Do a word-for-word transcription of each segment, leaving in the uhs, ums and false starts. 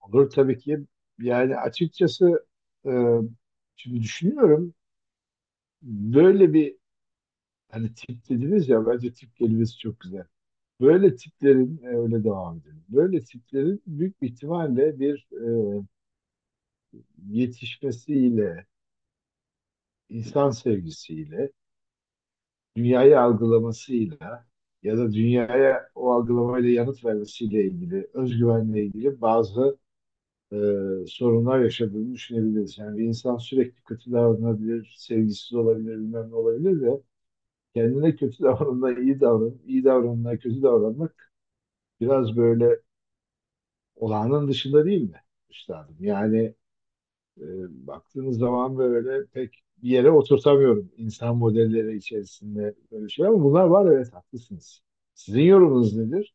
Olur tabii ki. Yani açıkçası e, şimdi düşünüyorum böyle bir hani tip dediniz ya, bence tip kelimesi çok güzel. Böyle tiplerin e, öyle devam edelim. Böyle tiplerin büyük bir ihtimalle bir e, yetişmesiyle, insan sevgisiyle, dünyayı algılamasıyla ya da dünyaya o algılamayla yanıt vermesiyle ilgili, özgüvenle ilgili bazı e, sorunlar yaşadığını düşünebiliriz. Yani bir insan sürekli kötü davranabilir, sevgisiz olabilir, bilmem ne olabilir ve kendine kötü davranma, iyi davran, iyi davranma, kötü davranmak biraz böyle olağanın dışında, değil mi üstadım? Yani e, Baktığınız zaman böyle pek bir yere oturtamıyorum insan modelleri içerisinde böyle şey, ama bunlar var, evet, haklısınız. Sizin yorumunuz nedir?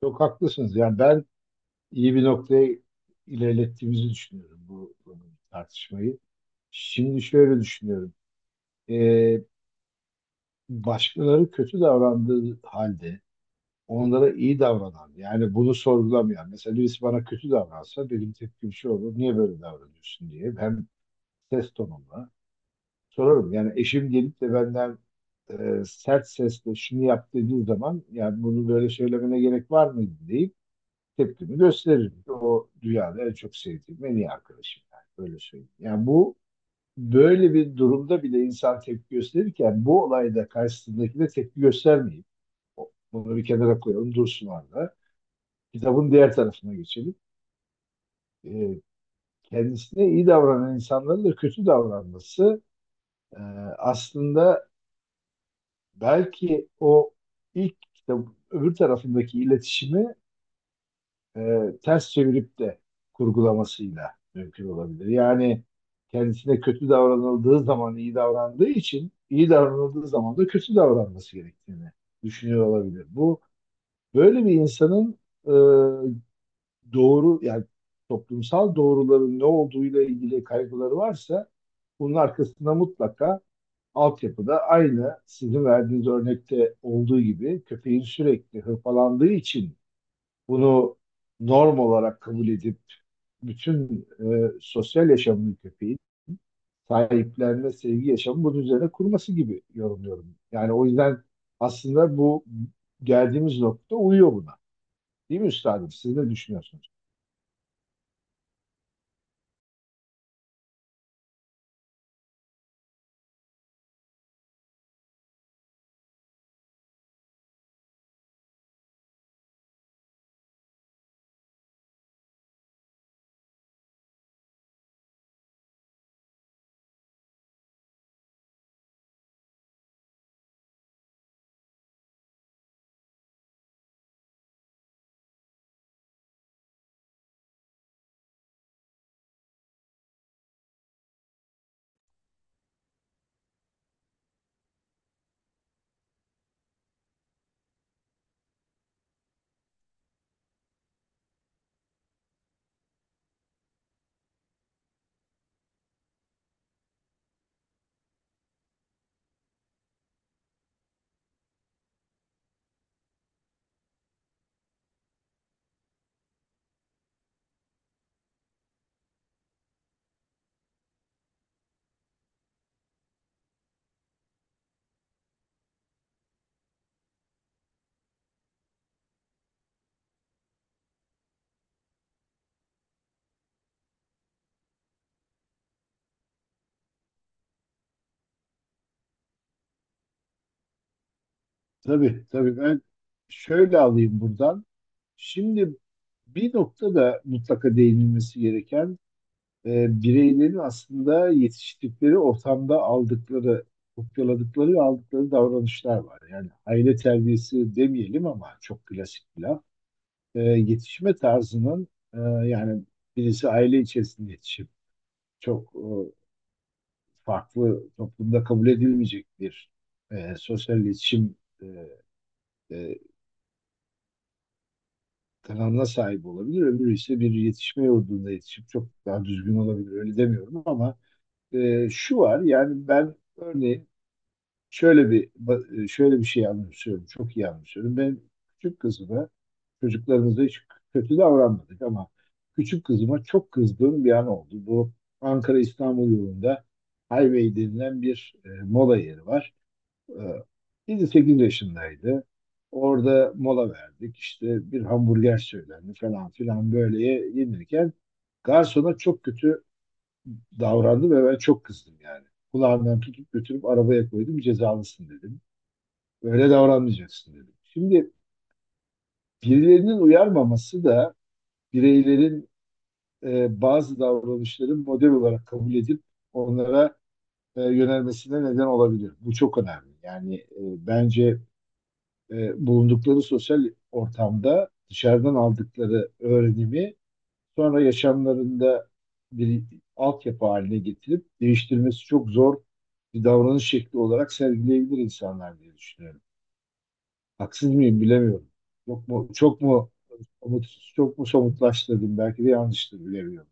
Çok haklısınız. Yani ben iyi bir noktaya ilerlettiğimizi düşünüyorum bu bu tartışmayı. Şimdi şöyle düşünüyorum. Ee, Başkaları kötü davrandığı halde onlara iyi davranan, yani bunu sorgulamayan, mesela birisi bana kötü davransa benim tepkim şu olur: niye böyle davranıyorsun diye hem ses tonumla sorarım. Yani eşim gelip de benden e, sert sesle şunu yap dediği zaman, yani bunu böyle söylemene gerek var mıydı deyip tepkimi gösteririm. O dünyada en çok sevdiğim en iyi arkadaşım, yani böyle söyleyeyim. Yani bu böyle bir durumda bile insan tepki gösterirken, bu olayda karşısındakine tepki göstermeyip bunu bir kenara koyalım, dursun orada. Kitabın diğer tarafına geçelim. Ee, Kendisine iyi davranan insanların da kötü davranması e, aslında belki o ilk kitap öbür tarafındaki iletişimi e, ters çevirip de kurgulamasıyla mümkün olabilir. Yani kendisine kötü davranıldığı zaman iyi davrandığı için, iyi davranıldığı zaman da kötü davranması gerektiğini düşünüyor olabilir. Bu, böyle bir insanın e, doğru yani toplumsal doğruların ne olduğuyla ilgili kaygıları varsa, bunun arkasında mutlaka altyapıda, aynı sizin verdiğiniz örnekte olduğu gibi köpeğin sürekli hırpalandığı için bunu norm olarak kabul edip bütün e, sosyal yaşamını köpeğin sahiplenme, sevgi yaşamı bunun üzerine kurması gibi yorumluyorum. Yani o yüzden aslında bu geldiğimiz nokta uyuyor buna. Değil mi üstadım? Siz ne düşünüyorsunuz? Tabii tabii, ben şöyle alayım buradan. Şimdi bir noktada mutlaka değinilmesi gereken, e, bireylerin aslında yetiştikleri ortamda aldıkları, kopyaladıkları ve aldıkları davranışlar var. Yani aile terbiyesi demeyelim ama çok klasik bir laf. E, yetişme tarzının e, yani birisi aile içerisinde yetişip çok e, farklı, toplumda kabul edilmeyecek bir e, sosyal iletişim e, e, kanalına sahip olabilir. Öbürü ise bir yetişme yurdunda yetişip çok daha düzgün olabilir. Öyle demiyorum ama e, şu var, yani ben örneğin Şöyle bir ba- e, şöyle bir şey anımsıyorum. Çok iyi anımsıyorum. Ben küçük kızıma, çocuklarımıza hiç kötü davranmadık ama küçük kızıma çok kızdığım bir an oldu. Bu Ankara İstanbul yolunda Highway denilen bir e, mola yeri var. E, yedi sekiz yaşındaydı. Orada mola verdik. İşte bir hamburger söylendi falan filan, böyle yenirken garsona çok kötü davrandı ve ben çok kızdım yani. Kulağından tutup götürüp arabaya koydum, cezalısın dedim. Öyle davranmayacaksın dedi. Şimdi birilerinin uyarmaması da bireylerin e, bazı davranışların model olarak kabul edip onlara e, yönelmesine neden olabilir. Bu çok önemli. Yani e, bence e, bulundukları sosyal ortamda dışarıdan aldıkları öğrenimi sonra yaşamlarında bir altyapı haline getirip değiştirmesi çok zor, bir davranış şekli olarak sergileyebilir insanlar diye düşünüyorum. Haksız mıyım bilemiyorum. Çok mu çok mu somut, çok mu somutlaştırdım? Belki de yanlıştır, bilemiyorum.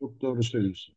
Çok doğru söylüyorsun.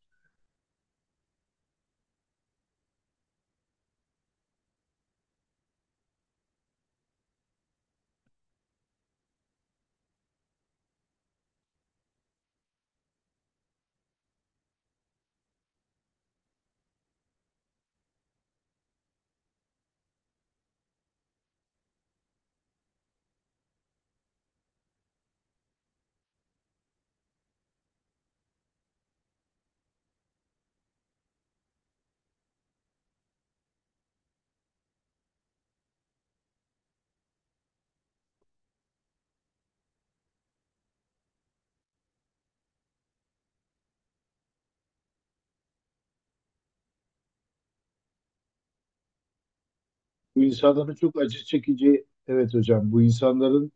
Bu insanların çok acı çekici, evet hocam, bu insanların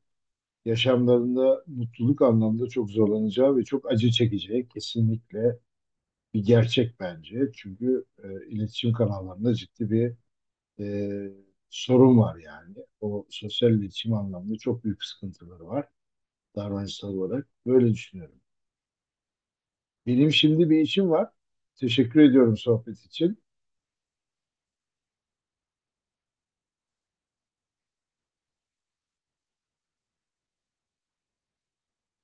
yaşamlarında mutluluk anlamda çok zorlanacağı ve çok acı çekeceği kesinlikle bir gerçek bence. Çünkü e, iletişim kanallarında ciddi bir e, sorun var yani. O sosyal iletişim anlamda çok büyük sıkıntıları var davranışsal olarak. Böyle düşünüyorum. Benim şimdi bir işim var. Teşekkür ediyorum sohbet için.